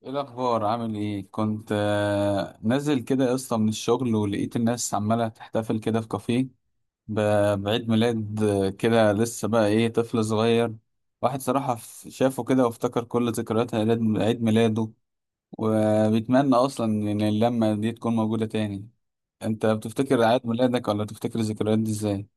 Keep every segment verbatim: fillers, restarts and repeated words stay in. ايه الاخبار؟ عامل ايه؟ كنت آه، نازل كده يا اسطى من الشغل، ولقيت الناس عماله تحتفل كده في كافيه ب- بعيد ميلاد آه، كده، لسه بقى ايه طفل صغير. واحد صراحه ف- شافه كده وافتكر كل ذكريات عيد عيد ميلاده، وبيتمنى اصلا ان اللمه دي تكون موجوده تاني. انت بتفتكر عيد ميلادك ولا بتفتكر الذكريات دي ازاي؟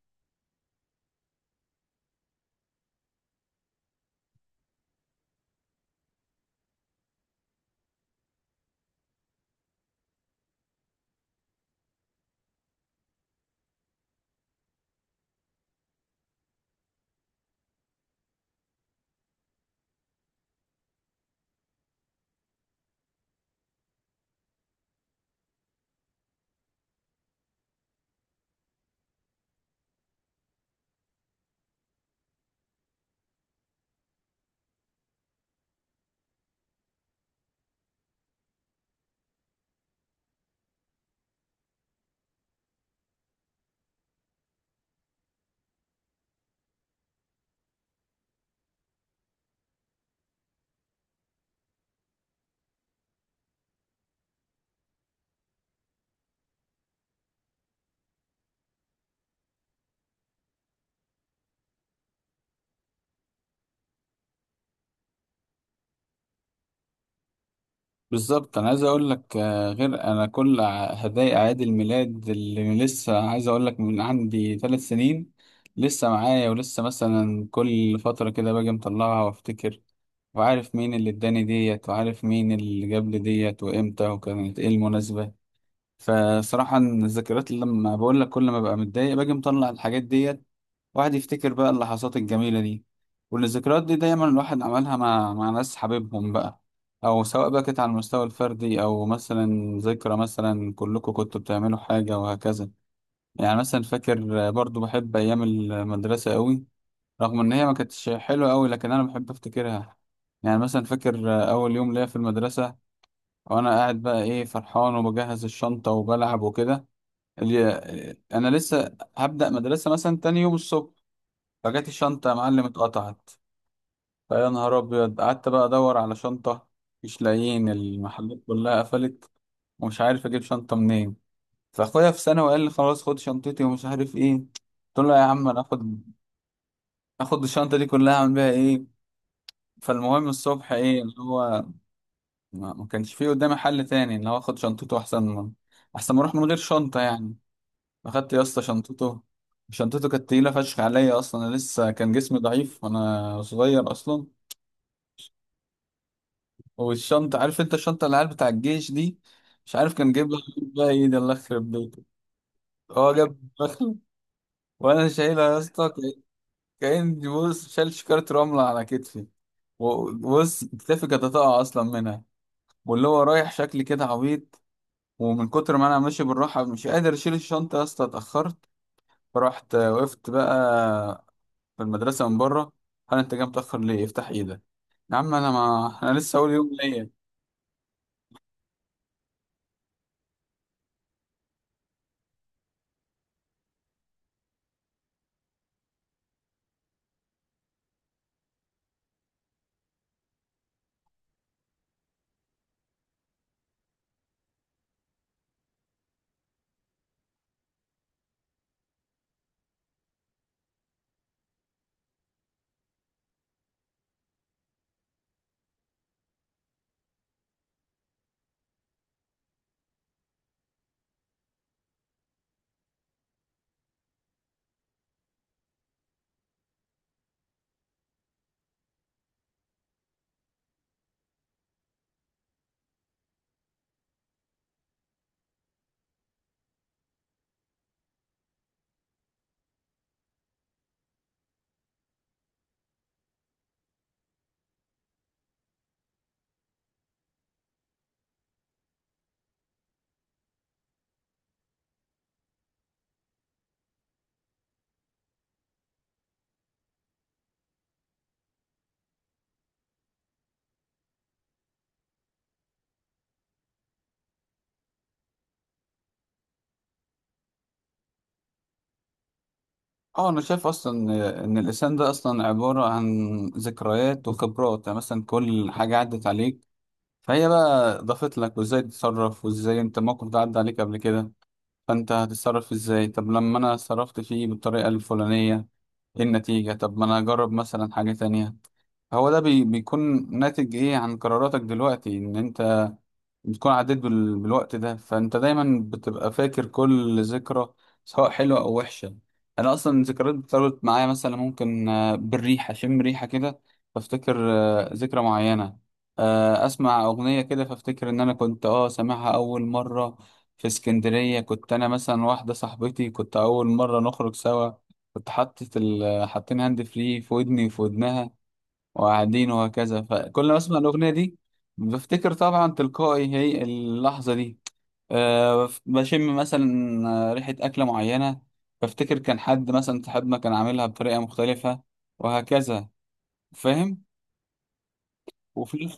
بالظبط، انا عايز اقول لك آه، غير انا كل ع- هدايا اعياد الميلاد اللي لسه، عايز اقول لك من عندي ثلاث سنين لسه معايا، ولسه مثلا كل فترة كده باجي مطلعها وافتكر، وعارف مين اللي اداني ديت وعارف مين اللي جاب لي ديت وامتى وكانت ايه المناسبة. فصراحة الذكريات اللي لما بقول لك، كل ما ببقى متضايق باجي مطلع الحاجات ديت، واحد يفتكر بقى اللحظات الجميلة دي. والذكريات دي دايما الواحد عملها مع مع ناس حبيبهم بقى، أو سواء بقى كانت على المستوى الفردي أو مثلا ذكرى، مثلا كلكم كنتوا بتعملوا حاجة وهكذا. يعني مثلا فاكر، برضو بحب أيام المدرسة قوي، رغم إن هي ما كانتش حلوة قوي لكن أنا بحب أفتكرها. يعني مثلا فاكر أول يوم ليا في المدرسة، وأنا قاعد بقى إيه فرحان وبجهز الشنطة وبلعب وكده، اللي انا لسه هبدأ مدرسة مثلا تاني يوم الصبح. فجت الشنطة يا معلم اتقطعت! فيا نهار ابيض، قعدت بقى ادور على شنطة مش لاقيين، المحلات كلها قفلت، ومش عارف اجيب شنطة منين. فاخويا في ثانوي قال لي خلاص خد شنطتي ومش عارف ايه، قلت له يا عم انا اخد اخد الشنطة دي كلها اعمل بيها ايه؟ فالمهم الصبح ايه اللي هو، ما ما كانش فيه قدامي حل تاني ان هو اخد شنطته، احسن من احسن ما اروح من غير شنطة يعني. اخدت يا اسطى شنطته. شنطته كانت تقيله فشخ عليا، اصلا انا لسه كان جسمي ضعيف وانا صغير اصلا. والشنطه عارف انت الشنطه العيال بتاع الجيش دي، مش عارف كان جايب لها بقى ايه، ده الله يخرب بيته، هو جاب بخل. وانا شايلها يا اسطى ك- كأني بص شايل شكاره رمله على كتفي، وبص كتفي كانت هتقع اصلا منها، واللي هو رايح شكلي كده عبيط. ومن كتر ما انا ماشي بالراحه مش قادر اشيل الشنطه يا اسطى اتاخرت. فرحت وقفت بقى في المدرسة من بره. هل أنت جاي متأخر ليه؟ افتح إيدك. يا عم أنا، ما أنا لسه أول يوم ليا. أه أنا شايف أصلا إن الإنسان ده أصلا عبارة عن ذكريات وخبرات. يعني مثلا كل حاجة عدت عليك فهي بقى ضافت لك، وإزاي تتصرف، وإزاي أنت الموقف ده عدى عليك قبل كده فأنت هتتصرف إزاي. طب لما أنا صرفت فيه بالطريقة الفلانية إيه النتيجة؟ طب ما أنا أجرب مثلا حاجة تانية. هو ده بي بيكون ناتج ايه عن قراراتك دلوقتي، ان انت بتكون عديت بال- بالوقت ده، فانت دايما بتبقى فاكر كل ذكرى سواء حلوة او وحشة. انا اصلا الذكريات بتربط معايا، مثلا ممكن آه، بالريحة اشم ريحة كده فافتكر آه، ذكرى معينة، آه، اسمع اغنية كده فافتكر ان انا كنت اه سامعها اول مرة في اسكندرية. كنت انا مثلا واحدة صاحبتي، كنت اول مرة نخرج سوا، كنت حاطط ال- حاطين هاند فري في ودني وفي ودنها، وقاعدين وهكذا. فكل ما اسمع الاغنيه دي بفتكر طبعا تلقائي هي اللحظه دي. أه بشم مثلا ريحه اكله معينه، بفتكر كان حد مثلا صاحبنا كان عاملها بطريقه مختلفه وهكذا. فاهم؟ وفي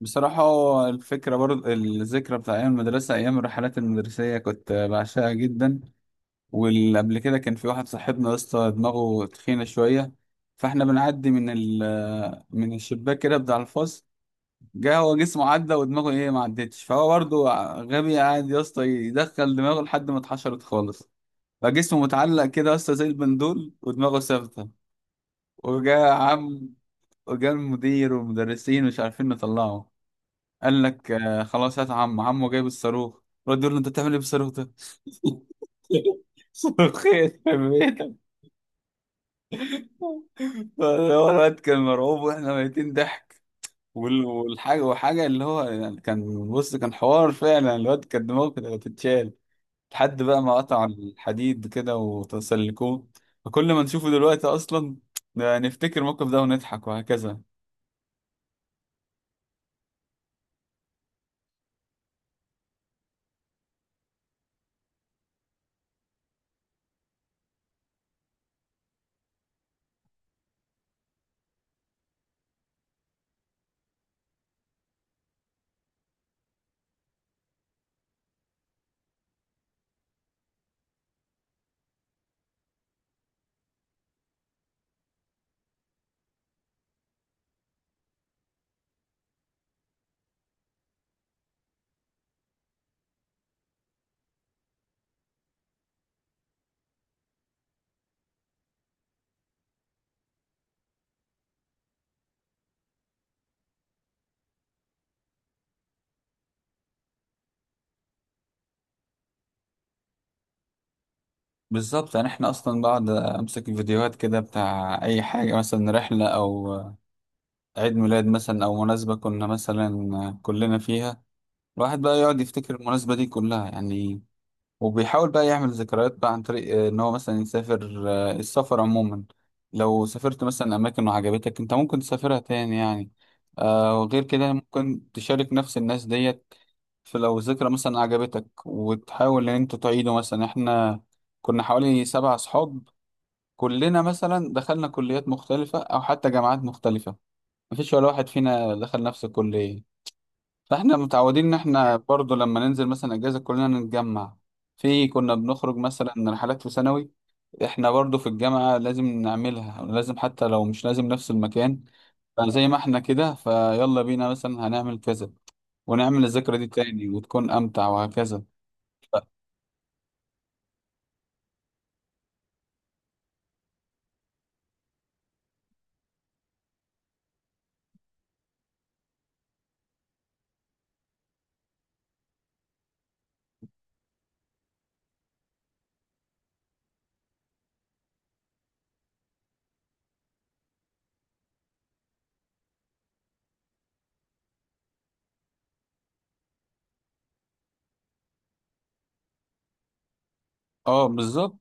بصراحه الفكره، برضه الذكرى بتاع ايام المدرسه، ايام الرحلات المدرسيه كنت بعشقها جدا. والقبل كده كان في واحد صاحبنا يا اسطى دماغه تخينه شويه، فاحنا بنعدي من ال من الشباك كده بتاع الفصل، جه هو جسمه عدى ودماغه ايه ما عدتش، فهو برضه غبي قاعد يا اسطى يدخل دماغه لحد ما اتحشرت خالص. فجسمه متعلق كده يا اسطى زي البندول ودماغه ثابته. وجا عم وجا المدير والمدرسين مش عارفين نطلعه، قال لك آه خلاص هات عم، عمه جايب الصاروخ، رد يقول له انت بتعمل ايه بالصاروخ ده؟ صاروخين في بيتك! هو الواد كان مرعوب واحنا ميتين ضحك. وال- والحاجه وحاجه اللي هو يعني كان بص كان حوار فعلا، الواد كان دماغه كانت هتتشال، لحد بقى ما قطع الحديد كده وتسلكوه. فكل ما نشوفه دلوقتي اصلا، ده نفتكر الموقف ده ونضحك وهكذا. بالظبط، يعني احنا اصلا بقعد امسك الفيديوهات كده بتاع اي حاجه، مثلا رحله او عيد ميلاد مثلا او مناسبه كنا مثلا كلنا فيها، الواحد بقى يقعد يفتكر المناسبه دي كلها يعني. وبيحاول بقى يعمل ذكريات بقى عن طريق آه، ان هو مثلا يسافر. آه، السفر عموما لو سافرت مثلا اماكن وعجبتك انت، ممكن تسافرها تاني يعني. آه وغير كده ممكن تشارك نفس الناس ديت. فلو ذكرى مثلا عجبتك وتحاول ان انت تعيده، مثلا احنا كنا حوالي سبع اصحاب، كلنا مثلا دخلنا كليات مختلفة او حتى جامعات مختلفة، مفيش ولا واحد فينا دخل نفس الكلية. فاحنا متعودين ان احنا برضو لما ننزل مثلا اجازه كلنا نتجمع. في كنا بنخرج مثلا رحلات في ثانوي، احنا برضو في الجامعه لازم نعملها، لازم حتى لو مش لازم نفس المكان. فزي ما احنا كده فيلا بينا مثلا هنعمل كذا ونعمل الذكرى دي تاني وتكون امتع وهكذا. ف- اه بالظبط،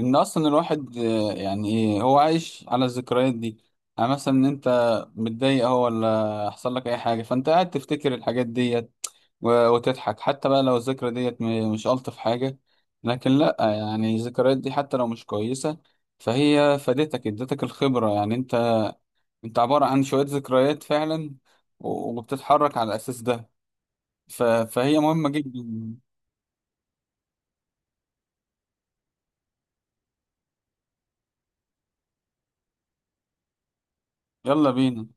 ان اصلا الواحد آه، يعني ايه هو عايش على الذكريات دي. يعني مثلا ان انت متضايق اهو، ولا حصل لك اي حاجه، فانت قاعد تفتكر الحاجات ديت و- وتضحك. حتى بقى لو الذكرى ديت م- مش الطف حاجه، لكن لا يعني الذكريات دي حتى لو مش كويسه، فهي فادتك، ادتك الخبره. يعني انت انت عباره عن شويه ذكريات فعلا، و- وبتتحرك على الاساس ده. ف... فهي مهمه جدا. يلا بينا.